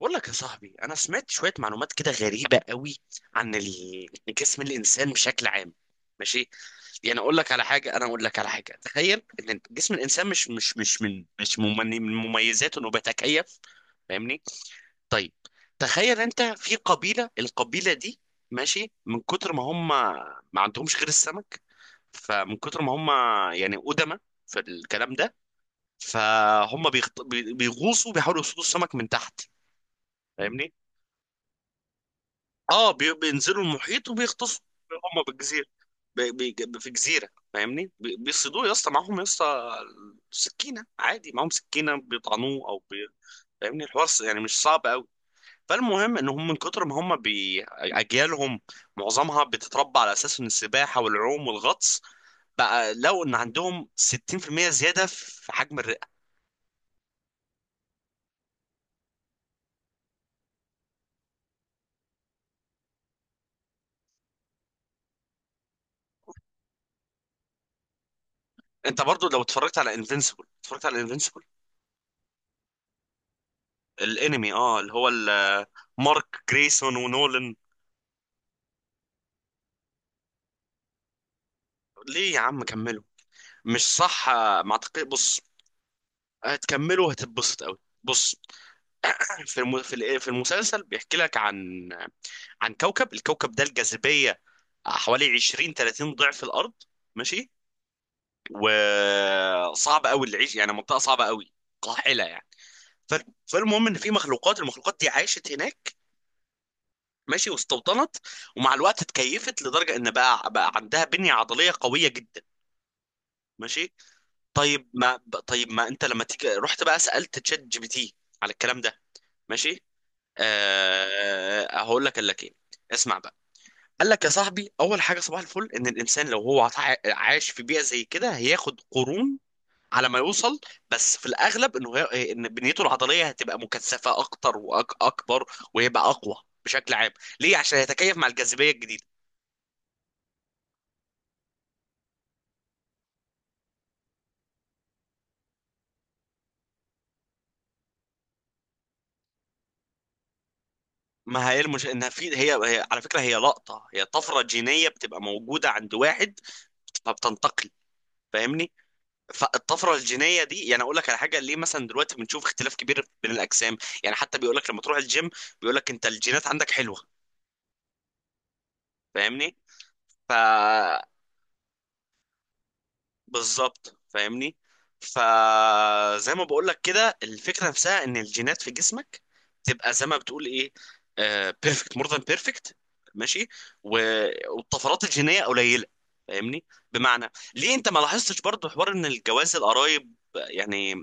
بقول لك يا صاحبي انا سمعت شويه معلومات كده غريبه قوي عن جسم الانسان بشكل عام. ماشي. يعني اقول لك على حاجه، اقول لك على حاجه تخيل ان جسم الانسان مش مش مش من مش ممن- من مميزاته انه بيتكيف. فاهمني؟ طيب، تخيل انت في قبيله، القبيله دي ماشي من كتر ما هم ما عندهمش غير السمك. فمن كتر ما هم يعني قدماء في الكلام ده، فهم بيغوصوا بيحاولوا يصطادوا السمك من تحت. فاهمني؟ اه، بينزلوا المحيط وبيغطسوا. هم بالجزيره، في جزيره، فاهمني، بيصيدوه. يا اسطى معاهم، يا اسطى سكينه عادي، معاهم سكينه بيطعنوه او فاهمني الحوار يعني مش صعب قوي. فالمهم ان هم من كتر ما هم اجيالهم معظمها بتتربى على اساس ان السباحه والعوم والغطس. بقى لو ان عندهم 60% زياده في حجم الرئه. انت برضو لو اتفرجت على انفينسيبل، اتفرجت على انفينسيبل الانمي، اللي هو مارك جريسون ونولان. ليه يا عم كملوا! مش صح آه، ما اعتقد. بص هتكملوا هتتبسط قوي. بص في المسلسل بيحكي لك عن كوكب. الكوكب ده الجاذبية حوالي 20 30 ضعف الأرض. ماشي. وصعب قوي اللي يعيش، يعني منطقة صعبة قوي، قاحلة يعني. ف... فالمهم ان في مخلوقات، المخلوقات دي عاشت هناك، ماشي، واستوطنت. ومع الوقت اتكيفت لدرجة ان بقى عندها بنية عضلية قوية جدا. ماشي. طيب ما انت لما تيجي رحت بقى سألت تشات جي بي تي على الكلام ده. ماشي. هقول لك قال لك ايه. اسمع بقى. قال لك يا صاحبي اول حاجه صباح الفل ان الانسان لو هو عايش في بيئه زي كده هياخد قرون على ما يوصل. بس في الاغلب انه هي... إيه، ان بنيته العضليه هتبقى مكثفه اكتر واكبر، وهيبقى اقوى بشكل عام. ليه؟ عشان يتكيف مع الجاذبيه الجديده. ما هي المش... انها في هي... هي على فكره، هي لقطه، هي طفره جينيه بتبقى موجوده عند واحد فبتنتقل. فاهمني؟ فالطفره الجينيه دي، يعني اقول لك على حاجه، ليه مثلا دلوقتي بنشوف اختلاف كبير بين الاجسام؟ يعني حتى بيقول لك لما تروح الجيم بيقول لك انت الجينات عندك حلوه. فاهمني؟ ف بالظبط فاهمني. فزي ما بقول لك كده، الفكره نفسها ان الجينات في جسمك تبقى زي ما بتقول ايه، بيرفكت، مور ذان بيرفكت. ماشي. و- والطفرات الجينيه قليله. فاهمني؟ بمعنى ليه انت ما لاحظتش برضو حوار ان الجواز القرايب يعني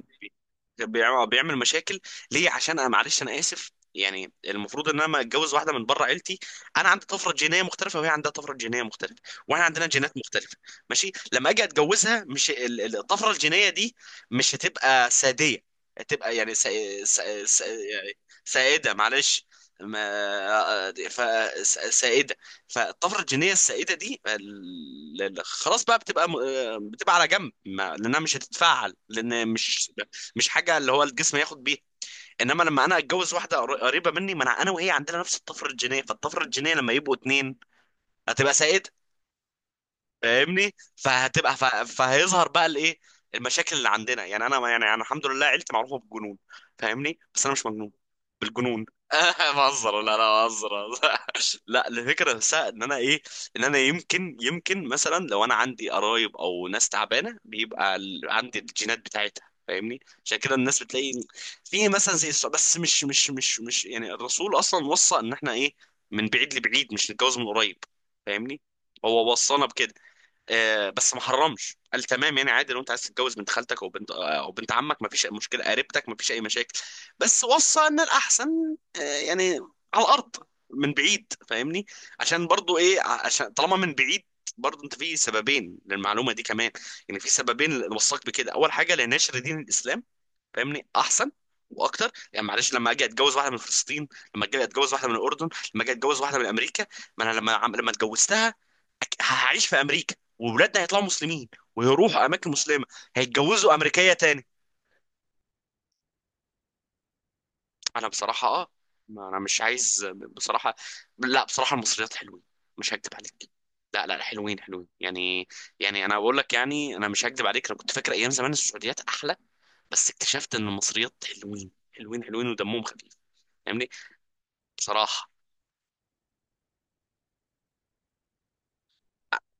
بيعمل مشاكل. ليه؟ عشان انا، معلش انا اسف، يعني المفروض ان انا لما اتجوز واحده من بره عيلتي انا عندي طفره جينيه مختلفه وهي عندها طفره جينيه مختلفه، واحنا عندنا جينات مختلفه. ماشي. لما اجي اتجوزها مش الطفره الجينيه دي مش هتبقى ساديه، هتبقى يعني يعني سائده. معلش. ما... ف... سا- سائده. فالطفره الجينيه السائده دي خلاص بقى بتبقى بتبقى على جنب ما... لانها مش هتتفعل، لان مش مش حاجه اللي هو الجسم ياخد بيها. انما لما انا اتجوز واحده قريبه مني، ما انا وهي عندنا نفس الطفره الجينيه، فالطفره الجينيه لما يبقوا اتنين هتبقى سائده. فاهمني؟ فهتبقى فهيظهر بقى الايه، المشاكل اللي عندنا. يعني انا، يعني انا الحمد لله عيلتي معروفه بالجنون. فاهمني؟ بس انا مش مجنون. بالجنون. بهزر، لا لا، بهزر بهزر. لا، الفكره نفسها ان انا ايه، ان انا يمكن مثلا لو انا عندي قرايب او ناس تعبانه بيبقى عندي الجينات بتاعتها. فاهمني؟ عشان كده الناس بتلاقي في مثلا زي السعودية- بس مش يعني الرسول اصلا وصى ان احنا ايه، من بعيد لبعيد مش نتجوز من قريب. فاهمني؟ هو وصانا بكده آه، بس ما حرمش، قال تمام يعني عادي لو انت عايز تتجوز بنت خالتك او بنت آه، او بنت عمك ما فيش اي مشكله. قريبتك ما فيش اي مشاكل. بس وصى ان الاحسن آه، يعني على الارض، من بعيد. فاهمني؟ عشان برضو ايه، عشان طالما من بعيد برضو انت في سببين للمعلومه دي كمان. يعني في سببين اللي وصاك بكده. اول حاجه لنشر دين الاسلام. فاهمني احسن واكتر. يعني معلش لما اجي اتجوز واحده من فلسطين، لما اجي اتجوز واحده من الاردن، لما اجي اتجوز واحده من امريكا، ما انا لما لما اتجوزتها هعيش في امريكا وولادنا هيطلعوا مسلمين ويروحوا اماكن مسلمه، هيتجوزوا امريكيه تاني. انا بصراحه ما انا مش عايز بصراحه. لا بصراحه، المصريات حلوين، مش هكدب عليك. لا لا لا، حلوين، حلوين يعني. يعني انا بقول لك، يعني انا مش هكدب عليك، انا كنت فاكر ايام زمان السعوديات احلى، بس اكتشفت ان المصريات حلوين حلوين حلوين ودمهم خفيف. فاهمني؟ بصراحة،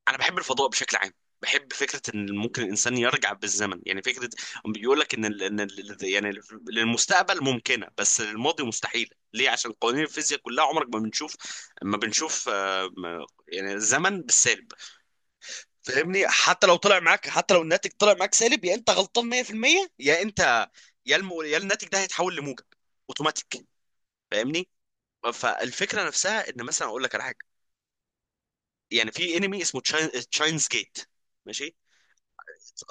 أنا بحب الفضاء بشكل عام. بحب فكرة إن ممكن الإنسان يرجع بالزمن. يعني فكرة بيقول لك إن يعني للمستقبل ممكنة بس للماضي مستحيلة. ليه؟ عشان قوانين الفيزياء كلها عمرك ما بنشوف، يعني الزمن بالسالب. فاهمني؟ حتى لو طلع معاك، حتى لو الناتج طلع معاك سالب، يا أنت غلطان 100%، يا أنت يا الناتج ده هيتحول لموجب أوتوماتيك. فاهمني؟ فالفكرة نفسها إن مثلا أقول لك على حاجة. يعني في انمي اسمه تشاينز جيت. ماشي.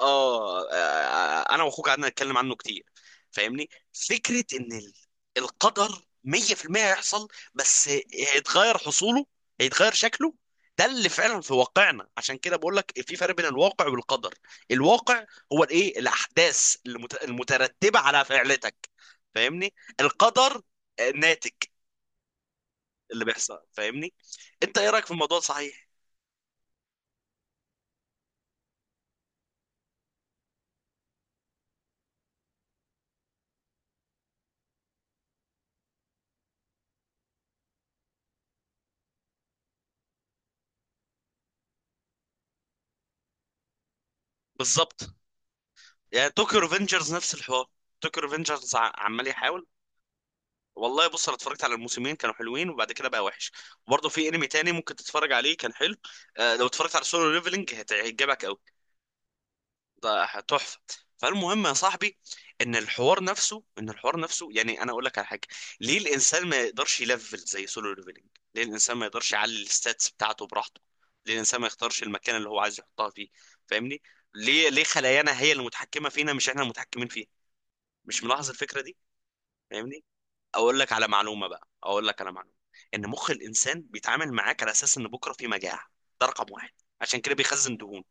انا واخوك قعدنا نتكلم عنه كتير. فاهمني؟ فكره ان القدر 100% هيحصل، بس هيتغير حصوله، هيتغير شكله. ده اللي فعلا في واقعنا. عشان كده بقول لك في فرق بين الواقع والقدر. الواقع هو الايه، الاحداث المترتبه على فعلتك. فاهمني؟ القدر آه، ناتج اللي بيحصل. فاهمني؟ انت ايه رايك في الموضوع صحيح؟ بالظبط. يعني توكيو ريفنجرز نفس الحوار. توكيو ريفنجرز عمال يحاول. والله بص انا اتفرجت على الموسمين، كانوا حلوين وبعد كده بقى وحش. وبرضه في انمي تاني ممكن تتفرج عليه كان حلو. آه لو اتفرجت على سولو ليفلنج هيعجبك قوي، ده تحفه. فالمهم يا صاحبي ان الحوار نفسه، ان الحوار نفسه يعني انا اقول لك على حاجه، ليه الانسان ما يقدرش يلفل زي سولو ليفلنج؟ ليه الانسان ما يقدرش يعلي الستاتس بتاعته براحته؟ ليه الانسان ما يختارش المكان اللي هو عايز يحطها فيه؟ فاهمني؟ ليه خلايانا هي المتحكمه فينا مش احنا المتحكمين فيها؟ مش ملاحظ الفكره دي؟ فاهمني. اقول لك على معلومه بقى، اقول لك على معلومه. ان مخ الانسان بيتعامل معاك على اساس ان بكره في مجاعه. ده رقم واحد. عشان كده بيخزن دهون.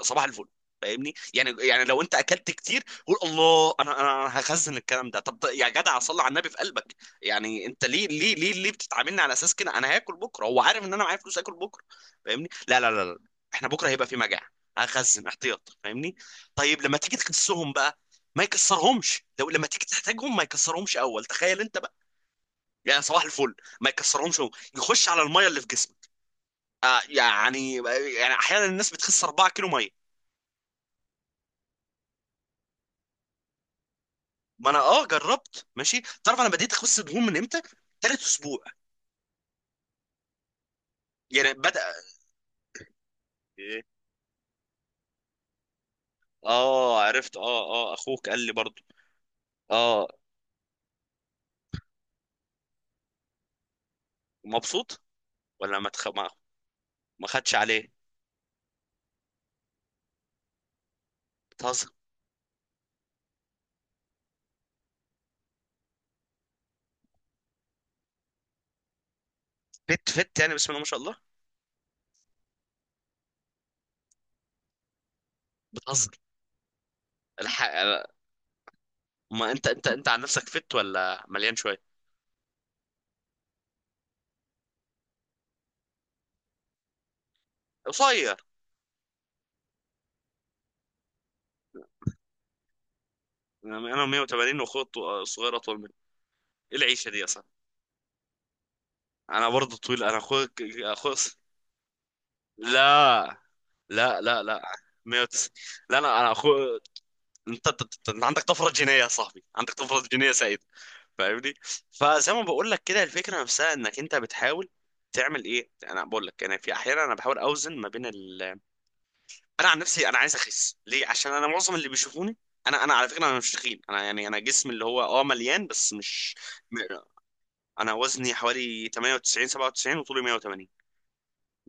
صباح الفل. فاهمني؟ يعني لو انت اكلت كتير قول الله، انا انا أنا هخزن الكلام ده. طب يا جدع صلي على النبي في قلبك. يعني انت ليه بتتعاملني على اساس كده؟ انا هاكل بكره، هو عارف ان انا معايا فلوس اكل بكره. فاهمني؟ لا لا لا, لا. احنا بكره هيبقى في مجاعه، هخزن احتياط. فاهمني؟ طيب لما تيجي تكسهم بقى ما يكسرهمش، لو لما تيجي تحتاجهم ما يكسرهمش اول. تخيل انت، يعني صباح الفل ما يكسرهمش هو. يخش على الميه اللي في جسمك. آه يعني احيانا الناس بتخس 4 كيلو ميه. ما انا جربت، ماشي. تعرف انا بديت اخس دهون من امتى؟ تالت اسبوع يعني بدأ. إيه؟ اه عرفت. اه اخوك قال لي برضو. اه. مبسوط ولا ما تخ... ما, ما خدش عليه. بتهزر. فت فت يعني بسم الله ما شاء الله. بتهزر. الحق. ما انت عن نفسك فت ولا مليان شويه؟ قصير. انا 180 واخويا الصغير اطول مني. ايه العيشه دي يا صاحبي. انا برضه طويل. انا اخوك، لا لا لا لا 190. لا انا اخو. انت أنت عندك طفره جينيه يا صاحبي، عندك طفره جينيه سعيد. فاهمني. فزي ما بقول لك كده الفكره نفسها انك انت بتحاول تعمل ايه. انا بقول لك انا في احيانا انا بحاول اوزن ما بين انا عن نفسي انا عايز اخس، ليه؟ عشان انا معظم اللي بيشوفوني انا، انا على فكره انا مش تخين، انا يعني انا جسمي اللي هو مليان بس مش م- انا وزني حوالي 98 97 وطولي 180.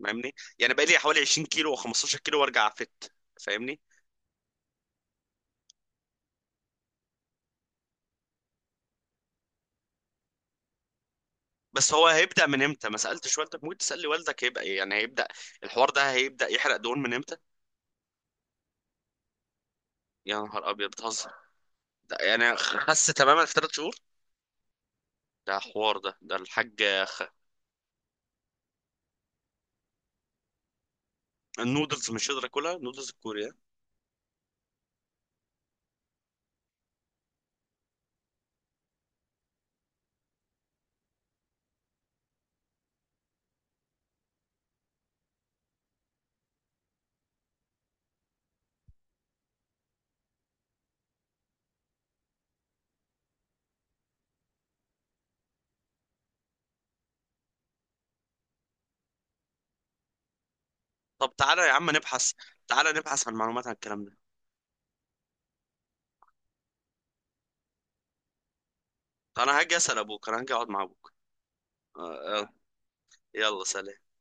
فاهمني، يعني بقى لي حوالي 20 كيلو و15 كيلو وارجع فت. فاهمني؟ بس هو هيبدأ من امتى ما سألتش والدك، ممكن تسأل لي والدك هيبقى ايه يعني هيبدأ الحوار ده، هيبدأ يحرق دهون من امتى. يا نهار ابيض بتهزر! ده يعني خس تماما في 3 شهور؟ ده حوار، ده الحاج. خ... النودلز مش قادر اكلها، النودلز الكورية. طب تعالى يا عم نبحث، تعالى نبحث عن معلومات عن الكلام ده. انا هاجي اسأل ابوك، انا هاجي اقعد مع ابوك. آه آه. يلا سلام.